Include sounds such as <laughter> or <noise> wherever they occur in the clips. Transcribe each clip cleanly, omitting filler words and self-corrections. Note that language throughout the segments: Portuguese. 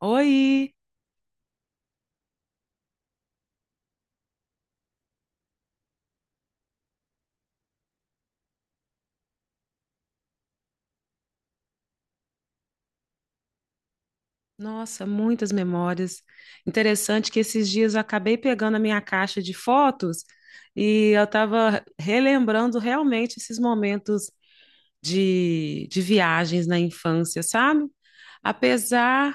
Oi! Nossa, muitas memórias. Interessante que esses dias eu acabei pegando a minha caixa de fotos e eu estava relembrando realmente esses momentos de viagens na infância, sabe? Apesar,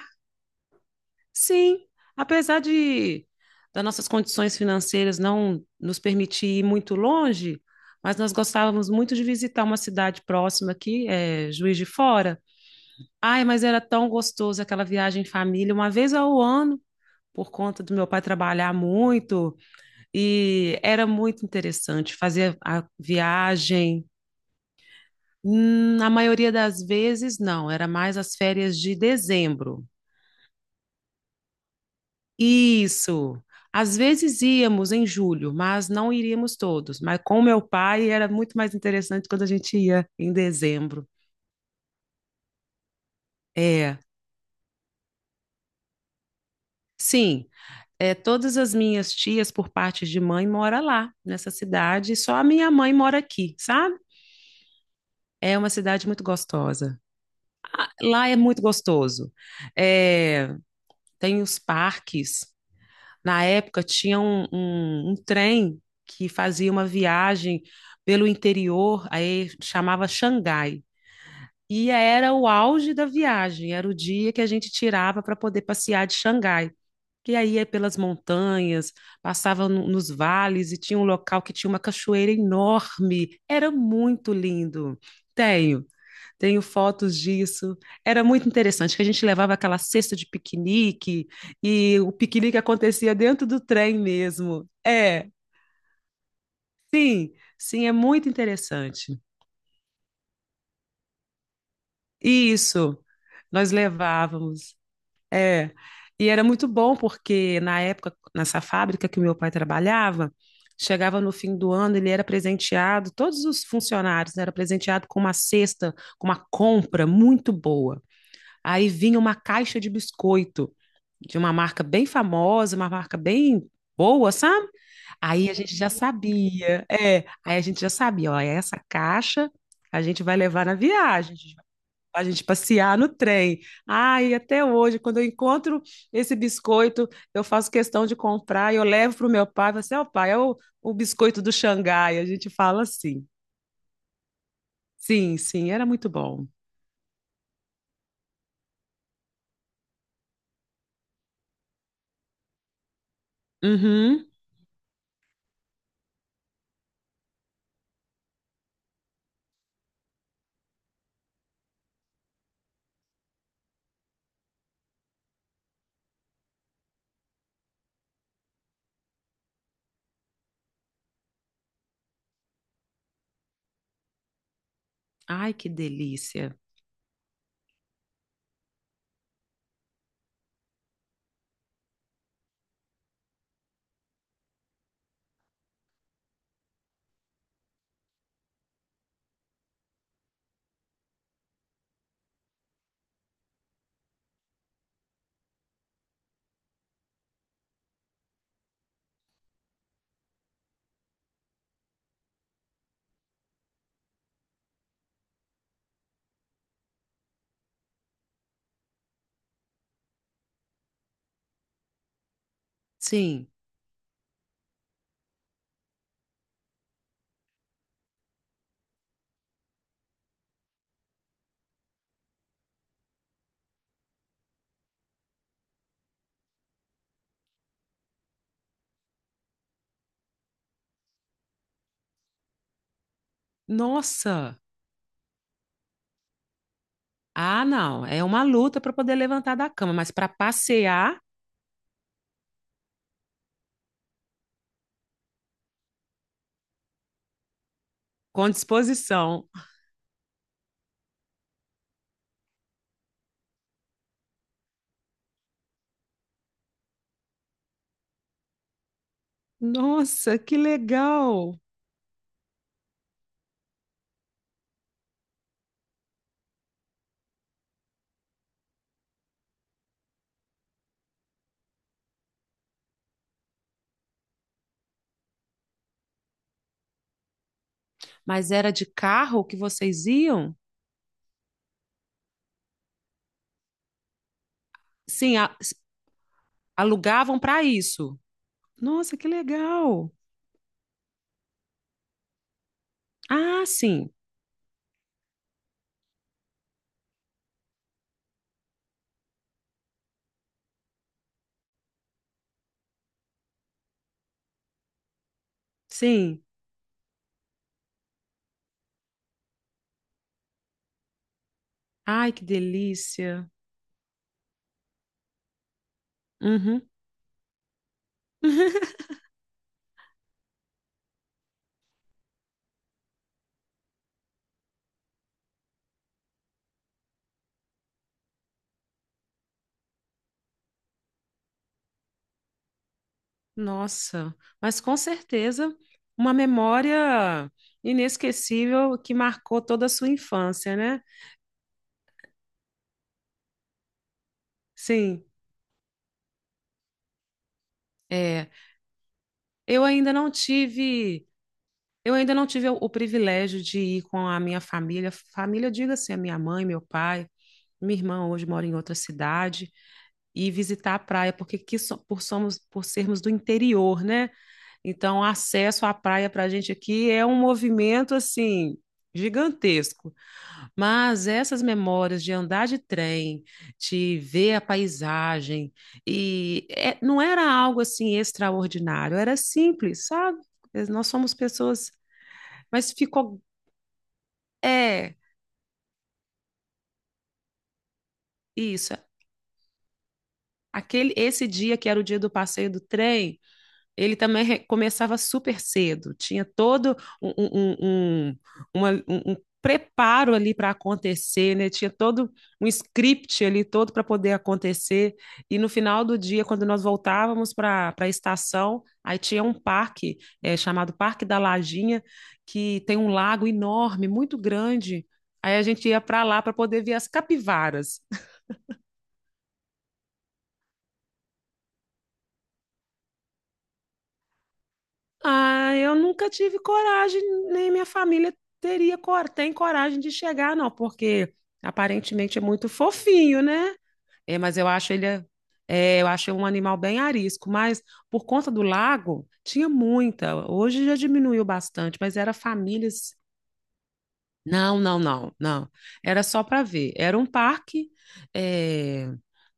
sim, apesar de das nossas condições financeiras não nos permitir ir muito longe, mas nós gostávamos muito de visitar uma cidade próxima aqui, Juiz de Fora. Ai, mas era tão gostoso aquela viagem em família, uma vez ao ano, por conta do meu pai trabalhar muito, e era muito interessante fazer a viagem. Hum. Na maioria das vezes, não, era mais as férias de dezembro. Isso. Às vezes íamos em julho, mas não iríamos todos. Mas com meu pai era muito mais interessante quando a gente ia em dezembro. É, sim. Todas as minhas tias, por parte de mãe, mora lá, nessa cidade, e só a minha mãe mora aqui, sabe? É uma cidade muito gostosa. Lá é muito gostoso. É, tem os parques. Na época tinha um trem que fazia uma viagem pelo interior, aí chamava Xangai. E era o auge da viagem, era o dia que a gente tirava para poder passear de Xangai, que aí ia pelas montanhas, passava nos vales e tinha um local que tinha uma cachoeira enorme. Era muito lindo. Tenho, tenho fotos disso. Era muito interessante que a gente levava aquela cesta de piquenique e o piquenique acontecia dentro do trem mesmo. É, sim, sim, é muito interessante. Isso, nós levávamos. É. E era muito bom porque na época, nessa fábrica que o meu pai trabalhava, chegava no fim do ano, ele era presenteado, todos os funcionários né, era presenteado com uma cesta, com uma compra muito boa. Aí vinha uma caixa de biscoito de uma marca bem famosa, uma marca bem boa, sabe? Aí a gente já sabia, é, aí a gente já sabia, ó, essa caixa a gente vai levar na viagem, a gente passear no trem. Ai, até hoje, quando eu encontro esse biscoito, eu faço questão de comprar e eu levo para o meu pai. Você, assim, ó, pai, o biscoito do Xangai. A gente fala assim. Sim, sim, era muito bom. Uhum. Ai, que delícia. Sim. Nossa. Ah, não. É uma luta para poder levantar da cama, mas para passear com disposição. Nossa, que legal. Mas era de carro que vocês iam? Sim, alugavam para isso. Nossa, que legal! Ah, sim, sim. Ai, que delícia. Uhum. <laughs> Nossa, mas com certeza uma memória inesquecível que marcou toda a sua infância, né? Sim, é. Eu ainda não tive, eu ainda não tive o privilégio de ir com a minha família. Família, diga-se, a minha mãe, meu pai, minha irmã hoje mora em outra cidade, e visitar a praia, porque aqui por, somos, por sermos do interior, né? Então, acesso à praia para a gente aqui é um movimento assim gigantesco. Mas essas memórias de andar de trem, de ver a paisagem, e não era algo assim extraordinário, era simples, sabe? Nós somos pessoas, mas ficou, é, isso. Aquele, esse dia que era o dia do passeio do trem, ele também começava super cedo, tinha todo um preparo ali para acontecer, né? Tinha todo um script ali todo para poder acontecer. E no final do dia, quando nós voltávamos para a estação, aí tinha um parque chamado Parque da Lajinha, que tem um lago enorme, muito grande. Aí a gente ia para lá para poder ver as capivaras. Ah, eu nunca tive coragem, nem minha família teria, tem coragem de chegar, não, porque aparentemente é muito fofinho, né? É, mas eu acho ele, é, eu acho um animal bem arisco, mas por conta do lago, tinha muita. Hoje já diminuiu bastante, mas era famílias. Não, não. Era só para ver. Era um parque, é.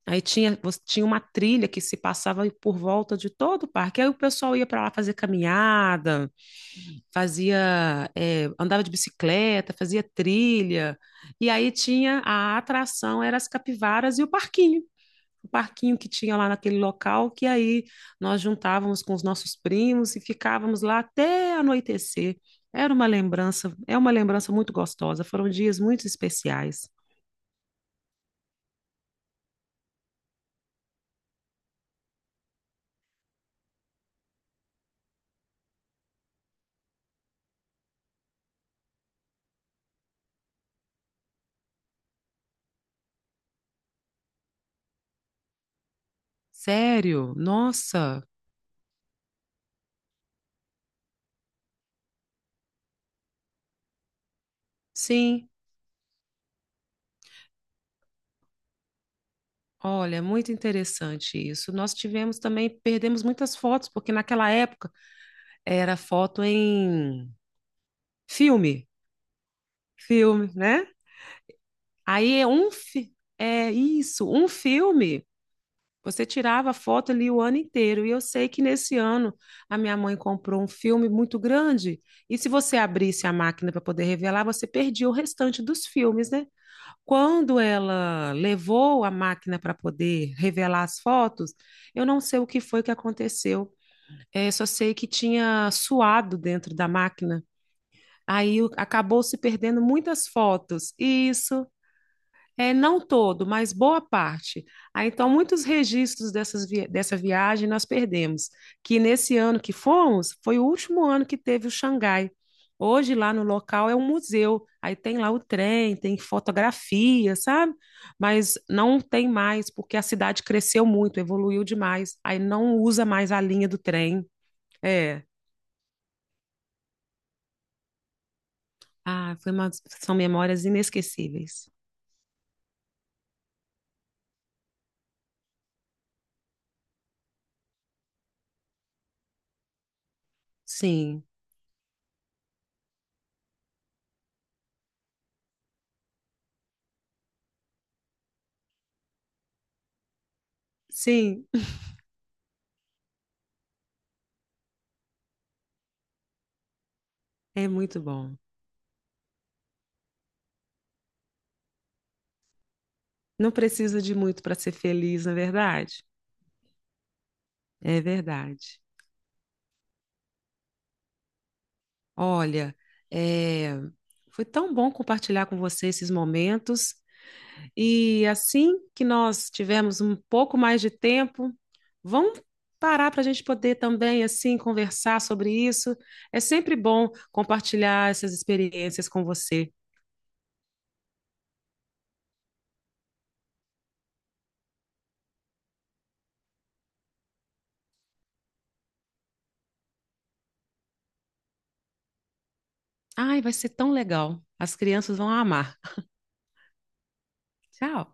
Aí tinha, tinha uma trilha que se passava por volta de todo o parque. Aí o pessoal ia para lá fazer caminhada, fazia, andava de bicicleta, fazia trilha. E aí tinha a atração, eram as capivaras e o parquinho. O parquinho que tinha lá naquele local, que aí nós juntávamos com os nossos primos e ficávamos lá até anoitecer. Era uma lembrança, é uma lembrança muito gostosa. Foram dias muito especiais. Sério? Nossa, sim. Olha, muito interessante isso. Nós tivemos também, perdemos muitas fotos, porque naquela época era foto em filme, filme, né? Aí é um é isso, um filme. Você tirava foto ali o ano inteiro. E eu sei que nesse ano a minha mãe comprou um filme muito grande. E se você abrisse a máquina para poder revelar, você perdia o restante dos filmes, né? Quando ela levou a máquina para poder revelar as fotos, eu não sei o que foi que aconteceu. É, só sei que tinha suado dentro da máquina. Acabou se perdendo muitas fotos. Isso. É, não todo, mas boa parte. Ah, então, muitos registros dessa viagem nós perdemos, que nesse ano que fomos, foi o último ano que teve o Xangai. Hoje, lá no local, é um museu. Aí tem lá o trem, tem fotografia, sabe? Mas não tem mais, porque a cidade cresceu muito, evoluiu demais. Aí não usa mais a linha do trem. É. Ah, são memórias inesquecíveis. Sim, sim, é muito bom. Não precisa de muito para ser feliz, não é verdade? É verdade. Olha, é, foi tão bom compartilhar com você esses momentos. E assim que nós tivermos um pouco mais de tempo, vamos parar para a gente poder também assim conversar sobre isso. É sempre bom compartilhar essas experiências com você. Ai, vai ser tão legal. As crianças vão amar. Tchau.